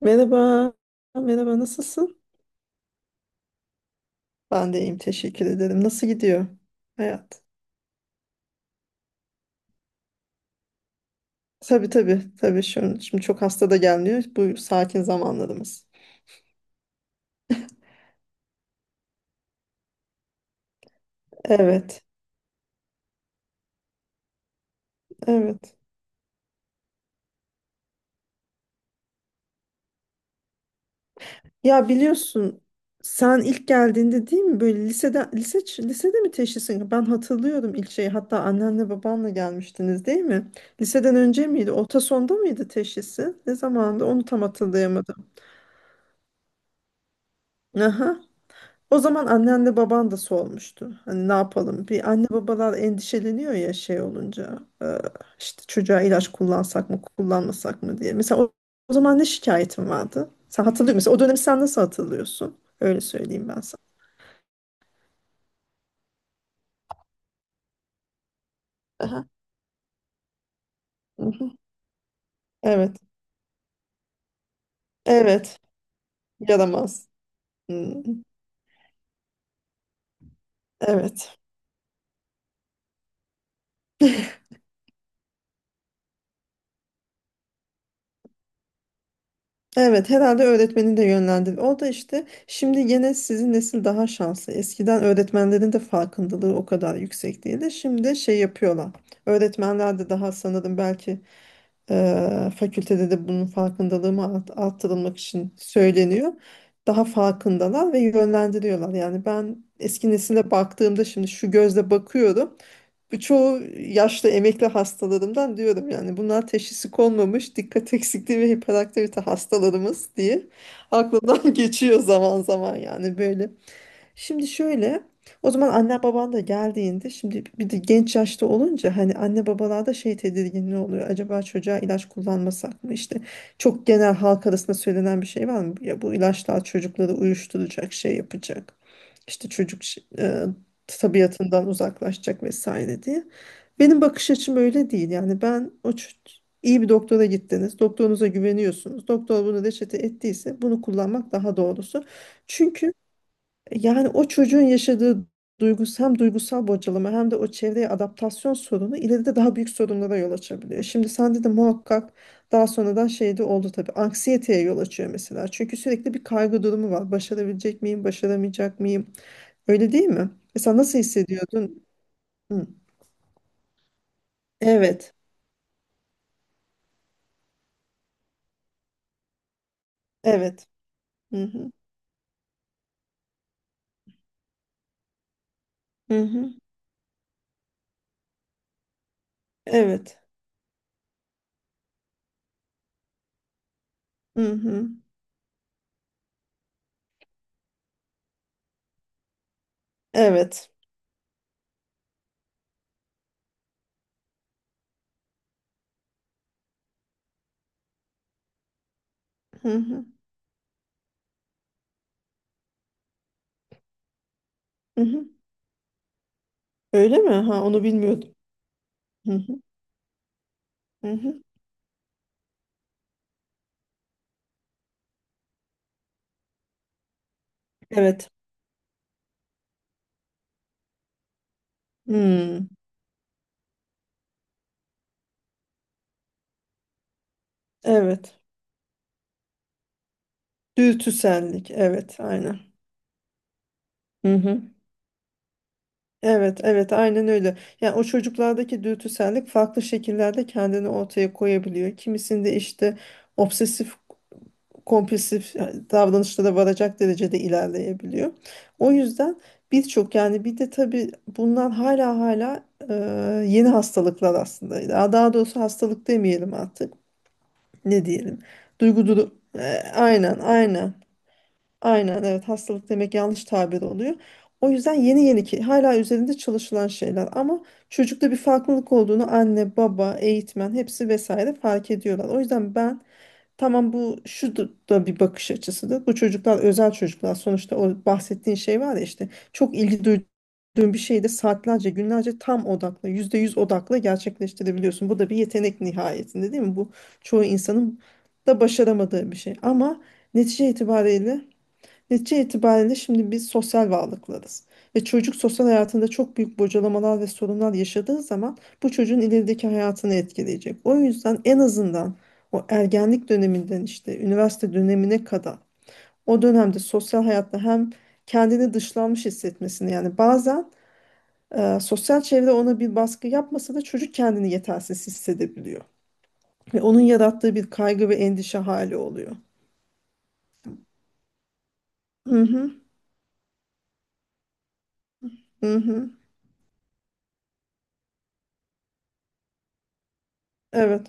Merhaba, merhaba, nasılsın? Ben de iyiyim, teşekkür ederim. Nasıl gidiyor hayat? Tabii tabii, tabii şimdi çok hasta da gelmiyor. Bu sakin zamanlarımız. Evet, evet. Ya biliyorsun sen ilk geldiğinde değil mi, böyle lisede mi teşhisin? Ben hatırlıyorum ilk şeyi. Hatta annenle babanla gelmiştiniz değil mi? Liseden önce miydi? Orta sonda mıydı teşhisi? Ne zamandı? Onu tam hatırlayamadım. Aha. O zaman annenle baban da solmuştu. Hani, ne yapalım? Bir anne babalar endişeleniyor ya, şey olunca. İşte çocuğa ilaç kullansak mı, kullanmasak mı diye. Mesela o zaman ne şikayetin vardı? Sen hatırlıyor musun? O dönemi sen nasıl hatırlıyorsun? Öyle söyleyeyim ben sana. Aha. Mhm. Evet. Evet. Yaramaz. Hmm. Evet. Evet, herhalde öğretmeni de yönlendir. O da işte, şimdi gene sizin nesil daha şanslı. Eskiden öğretmenlerin de farkındalığı o kadar yüksek değildi. Şimdi şey yapıyorlar. Öğretmenler de daha, sanırım belki fakültede de bunun farkındalığımı arttırılmak için söyleniyor. Daha farkındalar ve yönlendiriyorlar. Yani ben eski nesile baktığımda şimdi şu gözle bakıyorum. Bu çoğu yaşlı emekli hastalarımdan diyorum, yani bunlar teşhisi konmamış dikkat eksikliği ve hiperaktivite hastalarımız diye aklımdan geçiyor zaman zaman, yani böyle. Şimdi şöyle, o zaman anne baban da geldiğinde, şimdi bir de genç yaşta olunca hani anne babalarda şey tedirginliği oluyor. Acaba çocuğa ilaç kullanmasak mı? İşte çok genel halk arasında söylenen bir şey var mı? Ya bu ilaçlar çocukları uyuşturacak, şey yapacak. İşte tabiatından uzaklaşacak vesaire diye. Benim bakış açım öyle değil. Yani ben iyi bir doktora gittiniz. Doktorunuza güveniyorsunuz. Doktor bunu reçete ettiyse bunu kullanmak daha doğrusu. Çünkü yani o çocuğun yaşadığı hem duygusal bocalama hem de o çevreye adaptasyon sorunu ileride daha büyük sorunlara yol açabiliyor. Şimdi sende de muhakkak daha sonradan şey de oldu tabii. Anksiyeteye yol açıyor mesela. Çünkü sürekli bir kaygı durumu var. Başarabilecek miyim, başaramayacak mıyım? Öyle değil mi? Mesela nasıl hissediyordun? Hı. Evet. Evet. Hı hı. Hı hı. Evet. Hı hı. Evet. Hı hı. Hı hı. Öyle mi? Ha, onu bilmiyordum. Hı hı. Hı hı. Evet. Hmm. Evet. Dürtüsellik, evet, aynen. Hı hı. Evet, evet, aynen öyle. Yani o çocuklardaki dürtüsellik farklı şekillerde kendini ortaya koyabiliyor. Kimisinde işte obsesif kompulsif, yani davranışlara varacak derecede ilerleyebiliyor. O yüzden birçok, yani bir de tabii bunlar hala e, yeni hastalıklar aslında. Daha doğrusu hastalık demeyelim artık. Ne diyelim? Duygu duru- aynen, aynen. Aynen, evet, hastalık demek yanlış tabir oluyor. O yüzden yeni yeni, ki hala üzerinde çalışılan şeyler ama çocukta bir farklılık olduğunu anne, baba, eğitmen, hepsi vesaire fark ediyorlar. O yüzden ben, tamam, bu şu da bir bakış açısıdır. Bu çocuklar özel çocuklar sonuçta. O bahsettiğin şey var ya, işte çok ilgi duyduğun bir şeyi de saatlerce, günlerce tam odakla, yüzde yüz odakla gerçekleştirebiliyorsun. Bu da bir yetenek nihayetinde, değil mi? Bu çoğu insanın da başaramadığı bir şey ama netice itibariyle Netice itibariyle şimdi biz sosyal varlıklarız. Ve çocuk sosyal hayatında çok büyük bocalamalar ve sorunlar yaşadığı zaman bu çocuğun ilerideki hayatını etkileyecek. O yüzden en azından o ergenlik döneminden işte üniversite dönemine kadar, o dönemde sosyal hayatta hem kendini dışlanmış hissetmesini, yani bazen sosyal çevre ona bir baskı yapmasa da çocuk kendini yetersiz hissedebiliyor. Ve onun yarattığı bir kaygı ve endişe hali oluyor. Hı hı, hı hı, evet.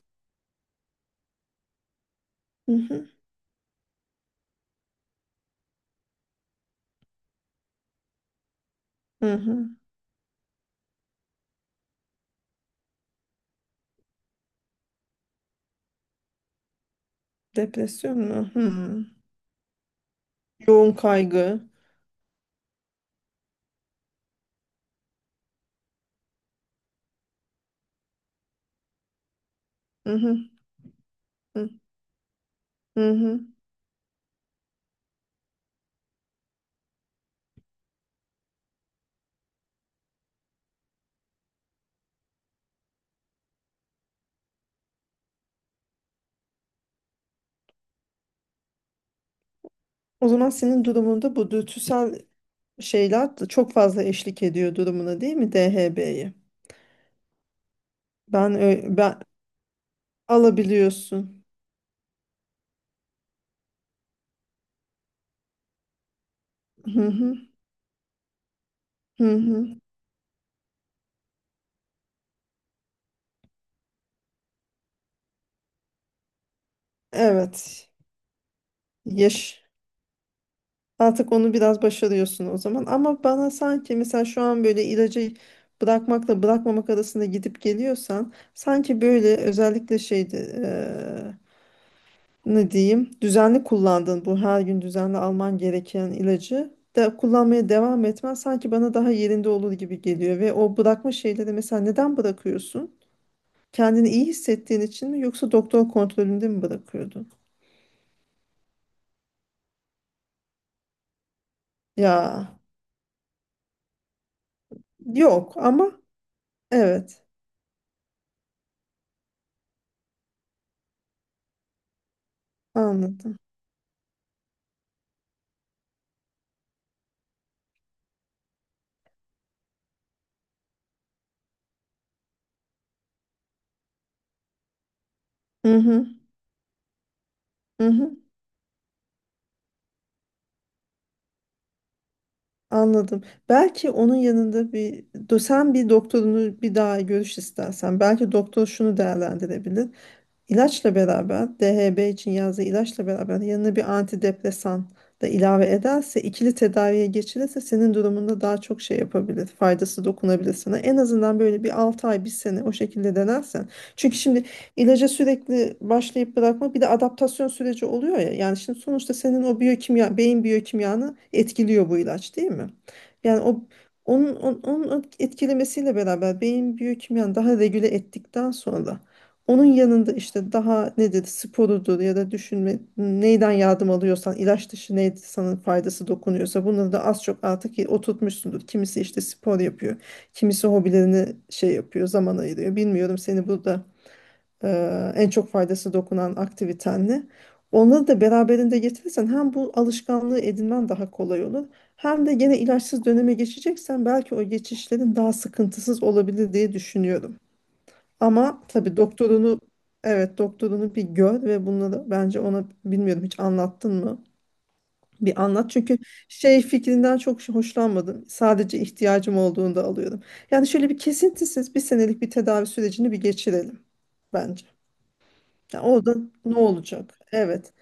Hı hı, hı hı. Depresyon mu? Hmm. Yoğun kaygı. Hı hı, hı, hı hı. O zaman senin durumunda bu dürtüsel şeyler de çok fazla eşlik ediyor durumuna, değil mi DHB'yi? Ben alabiliyorsun. Hı hı, hı hı. Evet. Yaş. Artık onu biraz başarıyorsun o zaman. Ama bana sanki, mesela şu an böyle ilacı bırakmakla bırakmamak arasında gidip geliyorsan, sanki böyle özellikle şeydi, ne diyeyim, düzenli kullandın, bu her gün düzenli alman gereken ilacı da kullanmaya devam etmen sanki bana daha yerinde olur gibi geliyor. Ve o bırakma şeyleri, mesela neden bırakıyorsun? Kendini iyi hissettiğin için mi, yoksa doktor kontrolünde mi bırakıyordun? Ya yok, ama evet, anladım. Hı hı, hı hı, anladım. Belki onun yanında bir sen bir doktorunu bir daha görüş istersen, belki doktor şunu değerlendirebilir. İlaçla beraber DHB için yazdığı ilaçla beraber yanına bir antidepresan da ilave ederse, ikili tedaviye geçilirse senin durumunda daha çok şey yapabilir. Faydası dokunabilir sana. En azından böyle bir 6 ay, bir sene o şekilde denersen. Çünkü şimdi ilaca sürekli başlayıp bırakma, bir de adaptasyon süreci oluyor ya. Yani şimdi sonuçta senin o biyokimya, beyin biyokimyanı etkiliyor bu ilaç, değil mi? Yani onun etkilemesiyle beraber beyin biyokimyanı daha regüle ettikten sonra, onun yanında işte daha nedir, sporudur, ya da düşünme, neyden yardım alıyorsan, ilaç dışı neydi sana faydası dokunuyorsa, bunları da az çok artık oturtmuşsundur. Kimisi işte spor yapıyor. Kimisi hobilerini şey yapıyor, zaman ayırıyor. Bilmiyorum seni burada, en çok faydası dokunan aktiviten ne? Onları da beraberinde getirirsen hem bu alışkanlığı edinmen daha kolay olur. Hem de gene ilaçsız döneme geçeceksen belki o geçişlerin daha sıkıntısız olabilir diye düşünüyorum. Ama tabii evet, doktorunu bir gör ve bununla da bence ona, bilmiyorum, hiç anlattın mı? Bir anlat, çünkü şey fikrinden çok hoşlanmadım. Sadece ihtiyacım olduğunda alıyorum. Yani şöyle bir kesintisiz bir senelik bir tedavi sürecini bir geçirelim bence. Yani orada ne olacak? Evet.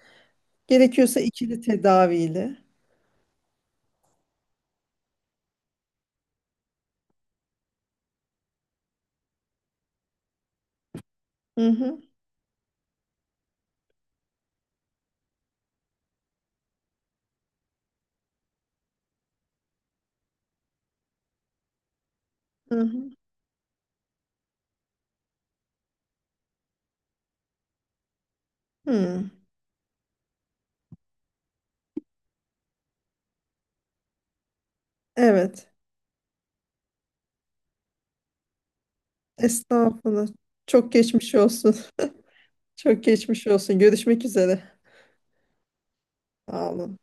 Gerekiyorsa ikili tedaviyle. Hı hı, hı hı. Hı. Evet. Estağfurullah. Çok geçmiş olsun. Çok geçmiş olsun. Görüşmek üzere. Sağ olun.